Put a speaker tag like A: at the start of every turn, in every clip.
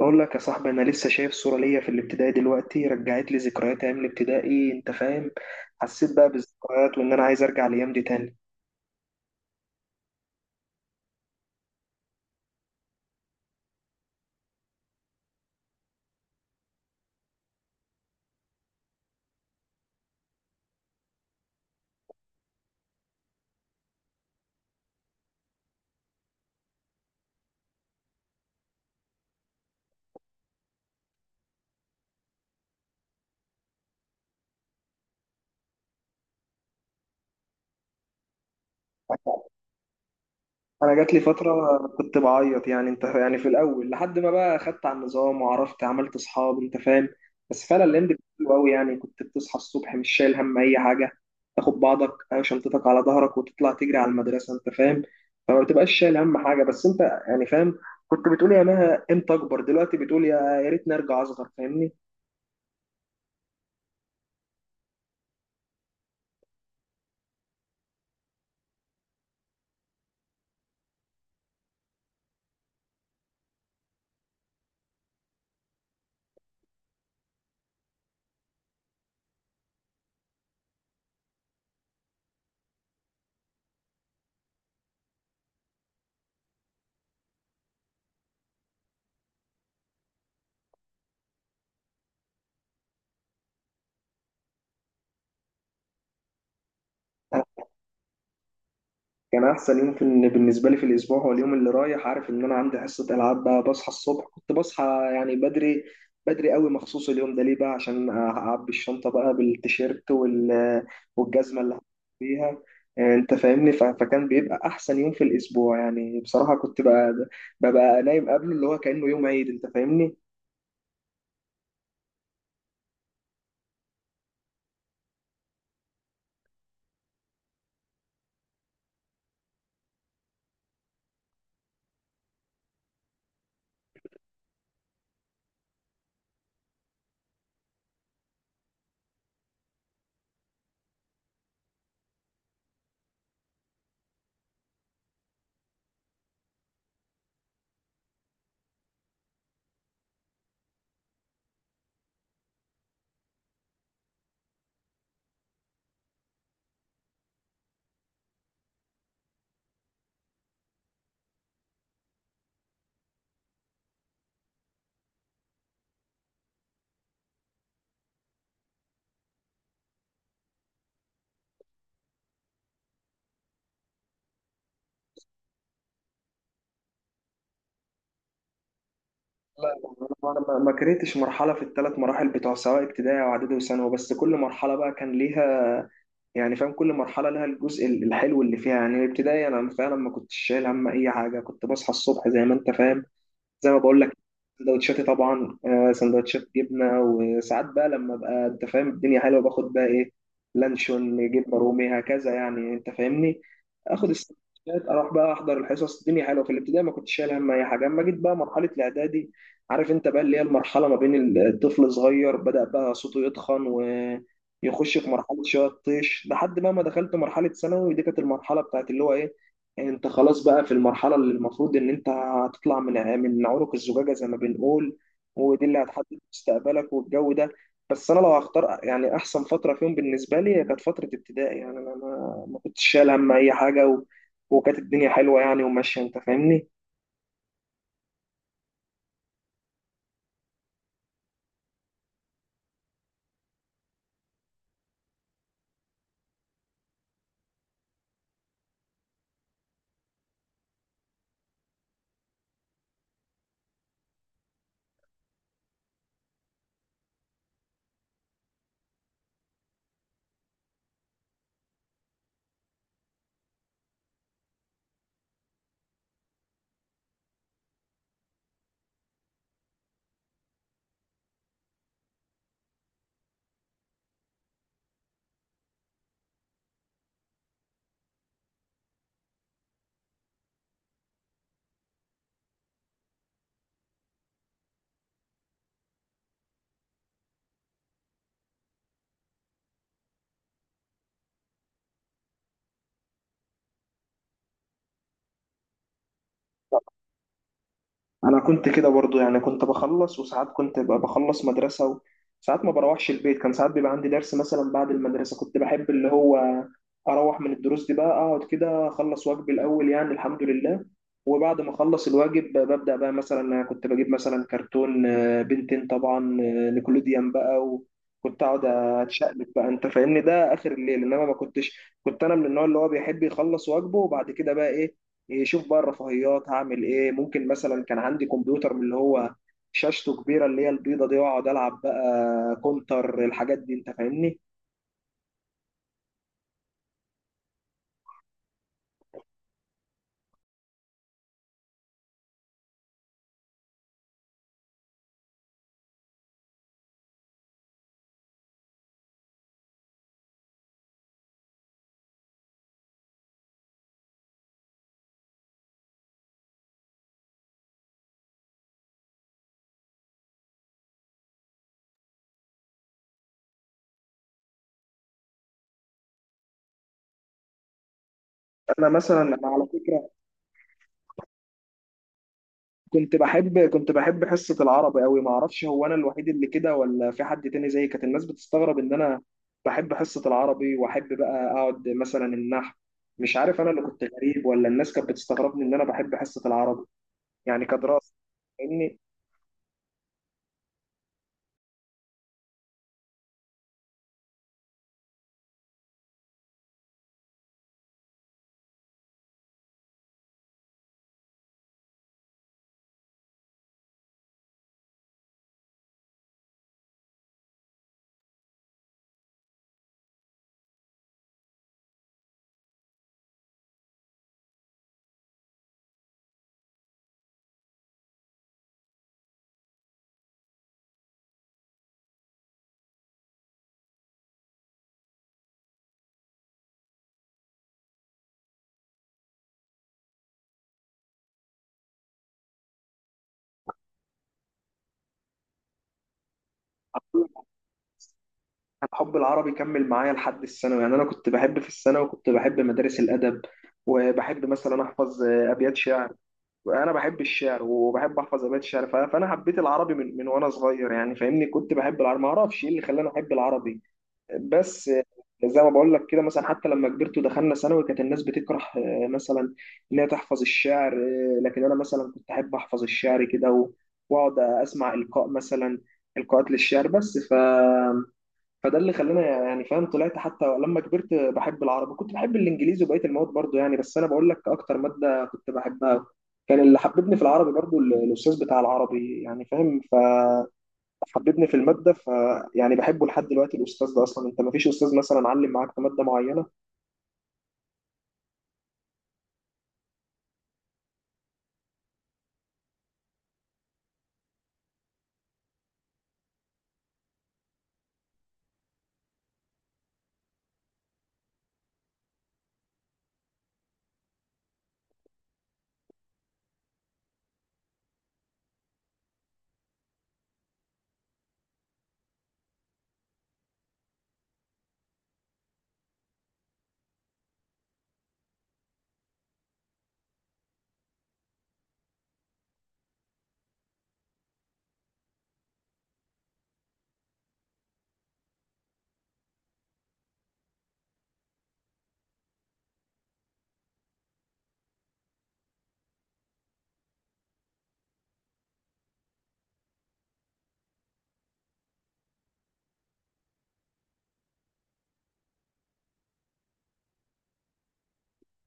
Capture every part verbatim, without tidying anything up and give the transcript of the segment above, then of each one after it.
A: اقول لك يا صاحبي، انا لسه شايف صوره ليا في الابتدائي. دلوقتي رجعت لي ذكريات ايام الابتدائي، انت فاهم؟ حسيت بقى بالذكريات وان انا عايز ارجع الايام دي تاني. انا جات لي فتره كنت بعيط، يعني انت يعني في الاول لحد ما بقى خدت على النظام وعرفت عملت اصحاب، انت فاهم. بس فعلا الهند حلو قوي، يعني كنت بتصحى الصبح مش شايل هم اي حاجه. تاخد بعضك او شنطتك على ظهرك وتطلع تجري على المدرسه، انت فاهم. فما بتبقاش شايل هم حاجه، بس انت يعني فاهم. كنت بتقول يا مها امتى اكبر، دلوقتي بتقول يا يا ريتني ارجع اصغر، فاهمني؟ كان احسن يوم في إن- بالنسبه لي في الاسبوع هو اليوم اللي رايح عارف ان انا عندي حصه العاب. بقى بصحى الصبح، كنت بصحى يعني بدري، بدري قوي مخصوص اليوم ده، ليه بقى؟ عشان اعبي الشنطه بقى بالتيشيرت وال... والجزمه اللي هحط فيها. آه، انت فاهمني؟ ف... فكان بيبقى احسن يوم في الاسبوع، يعني بصراحه كنت بقى ببقى نايم قبله، اللي هو كانه يوم عيد، انت فاهمني؟ لا انا أنا ما ما كرهتش مرحله في الثلاث مراحل بتوع، سواء ابتدائي واعدادي وثانوي، بس كل مرحله بقى كان ليها، يعني فاهم؟ كل مرحلة لها الجزء الحلو اللي فيها. يعني الابتدائي أنا فعلا ما كنتش شايل هم أي حاجة، كنت بصحى الصبح زي ما أنت فاهم، زي ما بقول لك. سندوتشاتي طبعا، آه، سندوتشات جبنه، وساعات بقى لما ابقى انت فاهم الدنيا حلوه باخد بقى ايه، لانشون، جبنه رومي، هكذا، يعني انت فاهمني. اخد السندوتشات اروح بقى احضر الحصص. الدنيا حلوه في الابتدائي، ما كنتش شايل هم اي حاجه. اما جيت بقى مرحله الاعدادي، عارف انت بقى اللي هي المرحله ما بين الطفل صغير بدا بقى صوته يتخن ويخش في مرحله شويه الطيش، لحد بقى ما دخلت مرحله ثانوي. دي كانت المرحله بتاعت اللي هو ايه، انت خلاص بقى في المرحله اللي المفروض ان انت هتطلع من من عنق الزجاجة زي ما بنقول، ودي اللي هتحدد مستقبلك والجو ده. بس انا لو هختار يعني احسن فترة فيهم بالنسبة لي، هي كانت فترة ابتدائي. يعني انا ما ما كنتش شايل هم اي حاجة، و... وكانت الدنيا حلوة، يعني وماشية، انت فاهمني؟ انا كنت كده برضو، يعني كنت بخلص، وساعات كنت ببقى بخلص مدرسه وساعات ما بروحش البيت، كان ساعات بيبقى عندي درس مثلا بعد المدرسه. كنت بحب اللي هو اروح من الدروس دي بقى اقعد كده اخلص واجبي الاول، يعني الحمد لله. وبعد ما اخلص الواجب ببدا بقى، مثلا أنا كنت بجيب مثلا كرتون، آه، بنتين طبعا، آه، نيكولوديان بقى، وكنت اقعد اتشقلب بقى، انت فاهمني؟ ده اخر الليل، انما ما كنتش. كنت انا من النوع اللي هو بيحب يخلص واجبه، وبعد كده بقى ايه يشوف بقى الرفاهيات هعمل ايه. ممكن مثلا كان عندي كمبيوتر من اللي هو شاشته كبيره، اللي هي البيضه دي، واقعد العب بقى كونتر، الحاجات دي، انت فاهمني؟ انا مثلا انا على فكره كنت بحب كنت بحب حصه العربي قوي. ما اعرفش، هو انا الوحيد اللي كده ولا في حد تاني زيي؟ كانت الناس بتستغرب ان انا بحب حصه العربي، واحب بقى اقعد مثلا النحو. مش عارف انا اللي كنت غريب ولا الناس كانت بتستغربني ان انا بحب حصه العربي يعني كدراسه، فاهمني؟ حب العربي كمل معايا لحد الثانوي، يعني انا كنت بحب في الثانوي، وكنت بحب مدارس الادب، وبحب مثلا احفظ آه، ابيات شعر. انا بحب الشعر وبحب احفظ ابيات شعر، ف- فانا حبيت العربي من, من وانا صغير، يعني فاهمني؟ كنت بحب العربي، ما اعرفش ايه اللي خلاني احب العربي، بس آه، زي ما بقول لك كده. مثلا حتى لما كبرت ودخلنا ثانوي، كانت الناس بتكره آه، مثلا ان هي تحفظ الشعر، آه، لكن انا مثلا كنت احب احفظ الشعر كده و- واقعد اسمع القاء مثلا، القاءات للشعر. بس ف فده اللي خلاني يعني فاهم طلعت حتى لما كبرت بحب العربي. كنت بحب الانجليزي وبقيه المواد برضو، يعني بس انا بقول لك اكتر ماده كنت بحبها. كان اللي حببني في العربي برضو ال- الاستاذ بتاع العربي، يعني فاهم؟ فحببني في الماده، ف يعني بحبه لحد دلوقتي، الاستاذ ده. اصلا انت ما فيش استاذ مثلا علم معاك في ماده معينه؟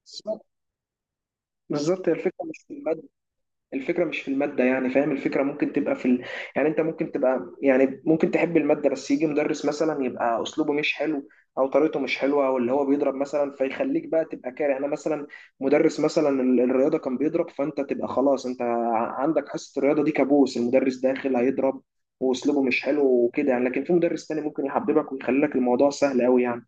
A: بالظبط، بالظبط، هي الفكره مش في الماده، الفكرة مش في المادة، يعني فاهم؟ الفكرة ممكن تبقى في ال... يعني انت ممكن تبقى، يعني ممكن تحب المادة بس يجي مدرس مثلا يبقى اسلوبه مش حلو، او طريقته مش حلوة، او اللي هو بيضرب مثلا، فيخليك بقى تبقى كاره. انا مثلا مدرس مثلا ال- الرياضة كان بيضرب، فانت تبقى خلاص انت ع- عندك حصة الرياضة دي كابوس، المدرس داخل هيضرب واسلوبه مش حلو وكده، يعني. لكن في مدرس تاني ممكن يحببك ويخلي لك الموضوع سهل قوي يعني.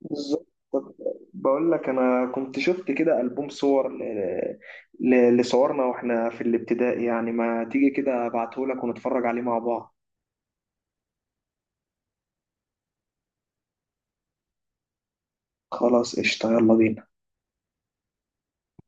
A: بالظبط. طب بقول لك انا كنت شفت كده البوم صور ل... ل... لصورنا واحنا في الابتدائي، يعني ما تيجي كده ابعته لك ونتفرج عليه مع بعض؟ خلاص، قشطة، يلا بينا.